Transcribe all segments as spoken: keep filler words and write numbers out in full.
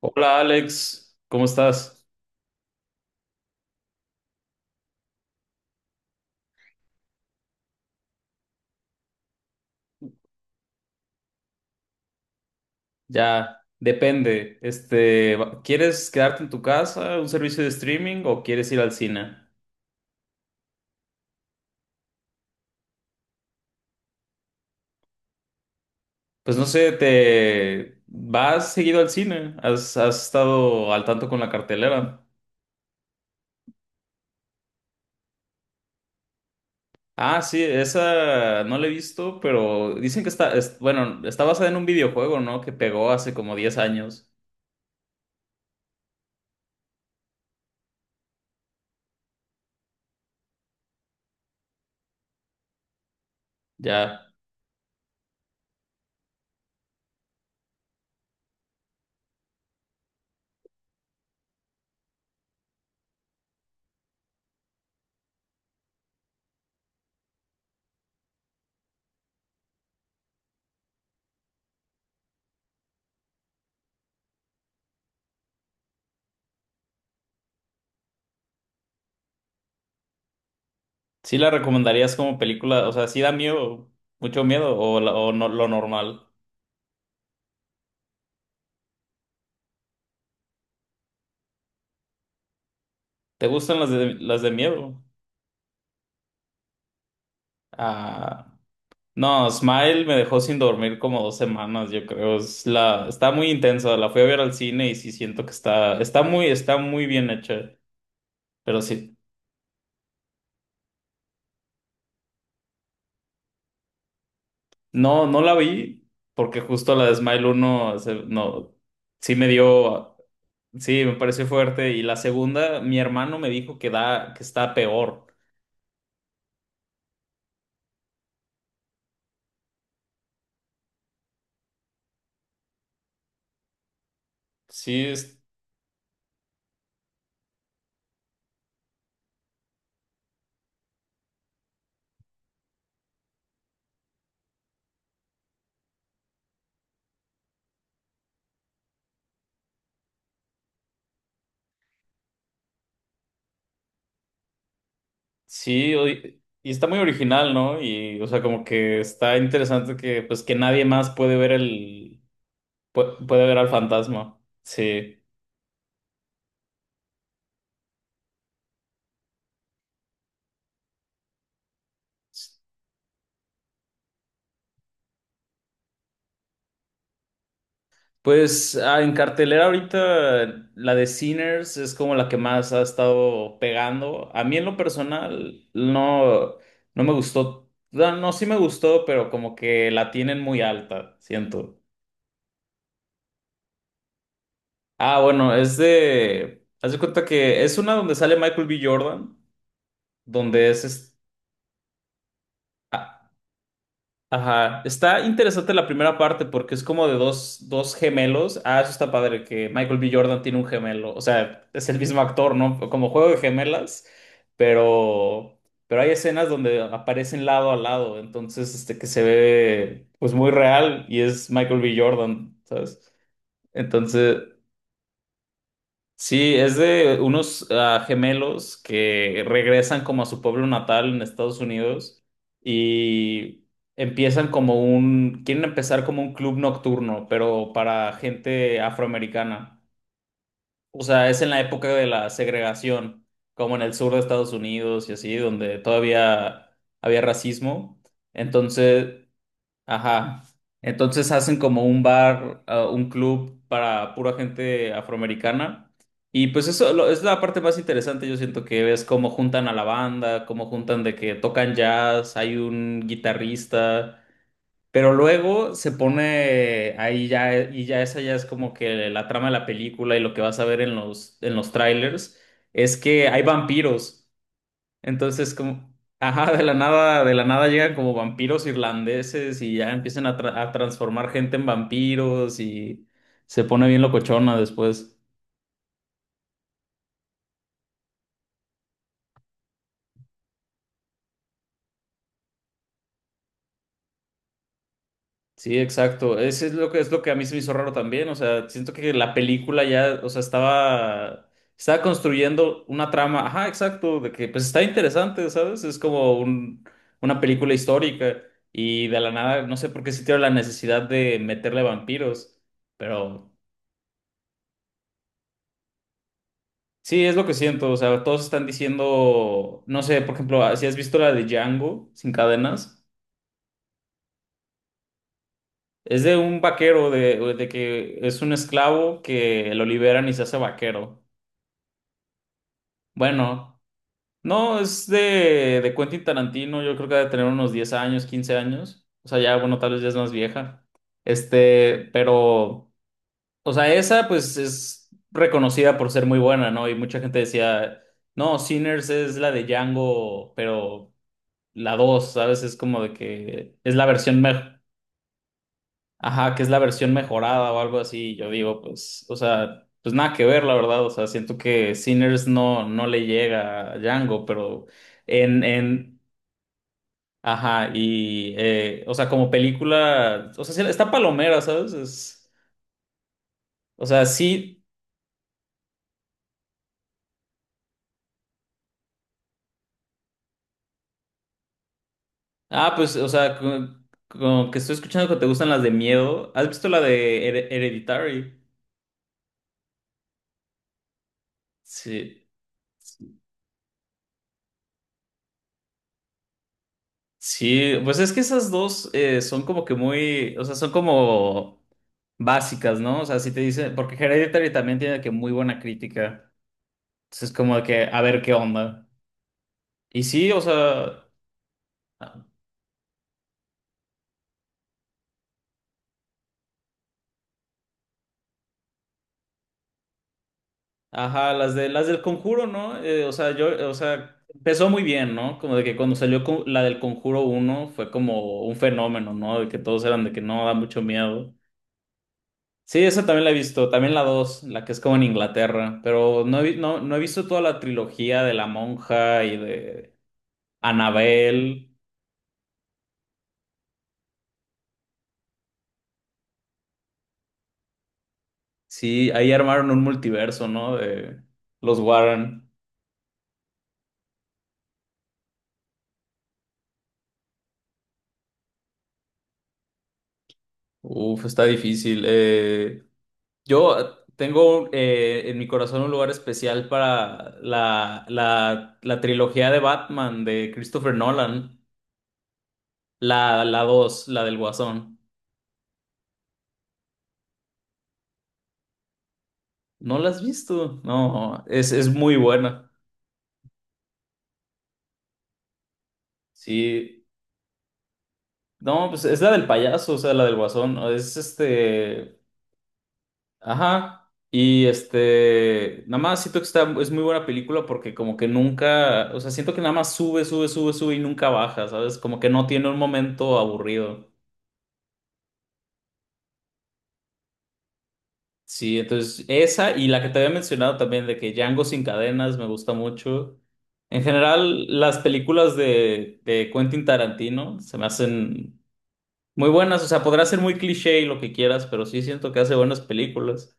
Hola Alex, ¿cómo estás? Ya, depende. Este, va- ¿quieres quedarte en tu casa, un servicio de streaming o quieres ir al cine? Pues no sé, ¿te vas seguido al cine? ¿Has, has estado al tanto con la cartelera? Ah, sí, esa no la he visto, pero dicen que está, es- bueno, está basada en un videojuego, ¿no? Que pegó hace como diez años. Ya. ¿Sí la recomendarías como película? O sea, ¿sí da miedo, mucho miedo o, la- o no, lo normal? ¿Te gustan las de, las de miedo? Ah, no, Smile me dejó sin dormir como dos semanas, yo creo. Es la, está muy intensa, la fui a ver al cine y sí siento que está, está muy, está muy bien hecha. Pero sí, no, no la vi porque justo la de Smile uno se- no, sí me dio, sí, me pareció fuerte. Y la segunda, mi hermano me dijo que da, que está peor. Sí, sí, o- y y está muy original, ¿no? Y, o sea, como que está interesante que, pues, que nadie más puede ver el, pu- puede ver al fantasma. Sí. Pues, ah, en cartelera ahorita la de Sinners es como la que más ha estado pegando. A mí en lo personal no, no me gustó. No, no, sí me gustó, pero como que la tienen muy alta, siento. Ah, bueno, es de, haz de cuenta que es una donde sale Michael B. Jordan, donde es, es- ah, ajá, está interesante la primera parte porque es como de dos, dos gemelos. Ah, eso está padre, que Michael B. Jordan tiene un gemelo. O sea, es el mismo actor, ¿no? Como juego de gemelas, pero, pero hay escenas donde aparecen lado a lado. Entonces, este que se ve pues muy real y es Michael B. Jordan, ¿sabes? Entonces, sí, es de unos ah, gemelos que regresan como a su pueblo natal en Estados Unidos y empiezan como un, quieren empezar como un club nocturno, pero para gente afroamericana. O sea, es en la época de la segregación, como en el sur de Estados Unidos y así, donde todavía había racismo. Entonces, ajá. Entonces hacen como un bar, ah, un club para pura gente afroamericana. Y pues eso lo- es la parte más interesante, yo siento que ves cómo juntan a la banda, cómo juntan de que tocan jazz, hay un guitarrista, pero luego se pone ahí ya, eh, y ya esa ya es como que la trama de la película y lo que vas a ver en los, en los trailers, es que hay vampiros. Entonces, como, ajá, de la nada, de la nada llegan como vampiros irlandeses y ya empiezan a, tra- a transformar gente en vampiros y se pone bien locochona después. Sí, exacto. Ese es lo que es lo que a mí se me hizo raro también. O sea, siento que la película ya, o sea, estaba, estaba construyendo una trama, ajá, exacto, de que pues está interesante, ¿sabes? Es como un, una película histórica y de la nada, no sé por qué sintieron la necesidad de meterle vampiros, pero. Sí, es lo que siento, o sea, todos están diciendo, no sé, por ejemplo, ah, si has visto la de Django sin cadenas, es de un vaquero, de, de que es un esclavo que lo liberan y se hace vaquero. Bueno, no, es de, de Quentin Tarantino, yo creo que debe tener unos diez años, quince años, o sea, ya, bueno, tal vez ya es más vieja. Este, pero, o sea, esa pues es reconocida por ser muy buena, ¿no? Y mucha gente decía... No, Sinners es la de Django, pero la dos, ¿sabes? Es como de que es la versión mejor. Ajá, que es la versión mejorada o algo así. Yo digo, pues, o sea, pues nada que ver, la verdad. O sea, siento que Sinners no, no le llega a Django, pero en, en, ajá, y, eh, o sea, como película, o sea, sí, está palomera, ¿sabes? Es, o sea, sí, ah, pues, o sea, con, con que estoy escuchando que te gustan las de miedo. ¿Has visto la de Here- Hereditary? Sí. Sí, pues es que esas dos eh, son como que muy, o sea, son como básicas, ¿no? O sea, si te dicen, porque Hereditary también tiene que muy buena crítica. Entonces es como de que, a ver qué onda. Y sí, o sea, a- ajá, las de las del Conjuro, ¿no? Eh, o sea, yo, o sea, empezó muy bien, ¿no? Como de que cuando salió con- la del Conjuro uno fue como un fenómeno, ¿no? De que todos eran de que no da mucho miedo. Sí, esa también la he visto, también la dos, la que es como en Inglaterra, pero no he, vi- no, no he visto toda la trilogía de La Monja y de Annabelle. Sí, ahí armaron un multiverso, ¿no? De los Warren. Uf, está difícil. Eh, yo eh, tengo eh, en mi corazón un lugar especial para la, la, la trilogía de Batman de Christopher Nolan, la, la dos, la del Guasón. ¿No la has visto? No, es, es muy buena. Sí. No, pues es la del payaso, o sea, la del guasón. Es este. Ajá. Y este. Nada más siento que está, es muy buena película porque, como que nunca. O sea, siento que nada más sube, sube, sube, sube y nunca baja, ¿sabes? Como que no tiene un momento aburrido. Sí, entonces esa y la que te había mencionado también de que Django sin cadenas me gusta mucho. En general, las películas de, de Quentin Tarantino se me hacen muy buenas. O sea, podrá ser muy cliché y lo que quieras, pero sí siento que hace buenas películas.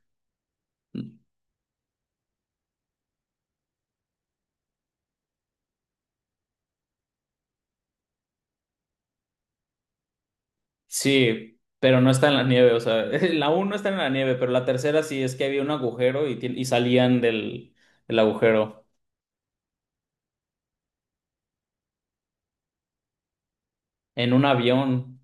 Sí, pero no está en la nieve, o sea, la uno no está en la nieve, pero la tercera sí es que había un agujero y, ti- y salían del, del agujero en un avión,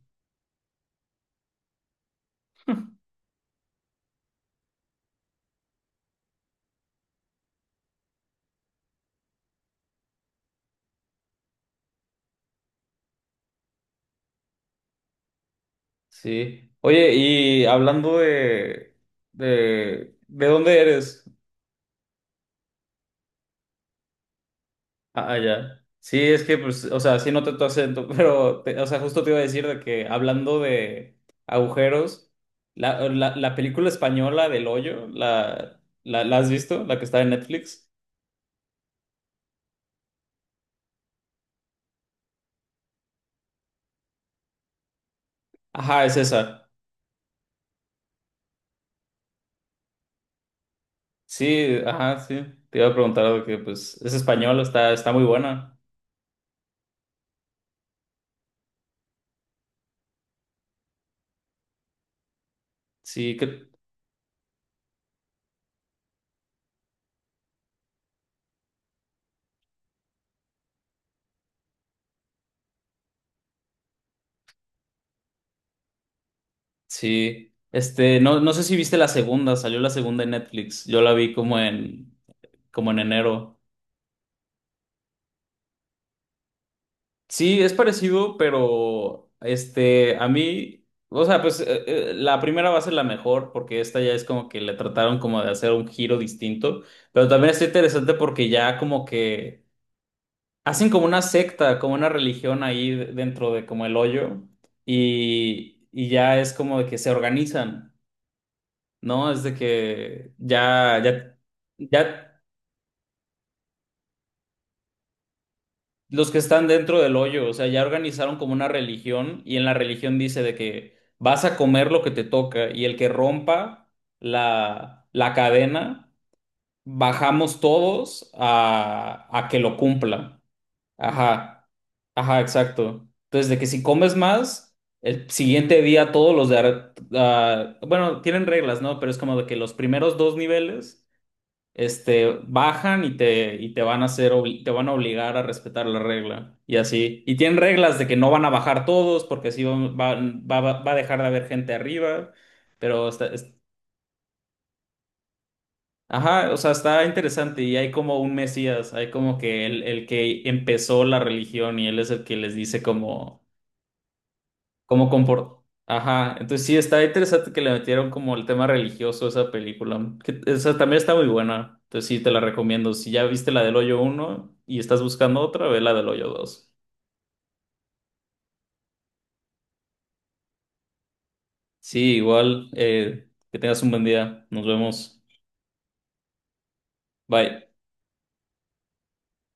sí. Oye, y hablando de, de, ¿de dónde eres? Ah, ah, ya. Sí, es que, pues, o sea, sí noté tu acento, pero, te- o sea, justo te iba a decir de que hablando de agujeros, la, la, la película española del hoyo, la, la, ¿la has visto? La que está en Netflix. Ajá, es esa. Sí, ajá, sí. Te iba a preguntar de que pues es español, está, está muy buena. Sí, que sí. Este, no, no sé si viste la segunda, salió la segunda en Netflix. Yo la vi como en, como en enero. Sí, es parecido, pero este, a mí, o sea, pues eh, eh, la primera va a ser la mejor, porque esta ya es como que le trataron como de hacer un giro distinto. Pero también está interesante porque ya como que hacen como una secta, como una religión ahí de- dentro de como el hoyo y, y ya es como de que se organizan, ¿no? Es de que ya, ya, ya los que están dentro del hoyo, o sea, ya organizaron como una religión y en la religión dice de que vas a comer lo que te toca y el que rompa la, la cadena, bajamos todos a, a que lo cumpla. Ajá, ajá, exacto. Entonces, de que si comes más, el siguiente día todos los de... ar- ah, bueno, tienen reglas, ¿no? Pero es como de que los primeros dos niveles, este, bajan y te, y te van a hacer, obli- te van a obligar a respetar la regla. Y así. Y tienen reglas de que no van a bajar todos, porque así van- van- va, va, va a dejar de haber gente arriba. Pero está, es- ajá, o sea, está interesante. Y hay como un mesías, hay como que el, el que empezó la religión y él es el que les dice como como comport... Ajá, entonces sí, está interesante que le metieron como el tema religioso a esa película. Que, esa también está muy buena. Entonces sí, te la recomiendo. Si ya viste la del Hoyo uno y estás buscando otra, ve la del Hoyo dos. Sí, igual, eh, que tengas un buen día. Nos vemos. Bye.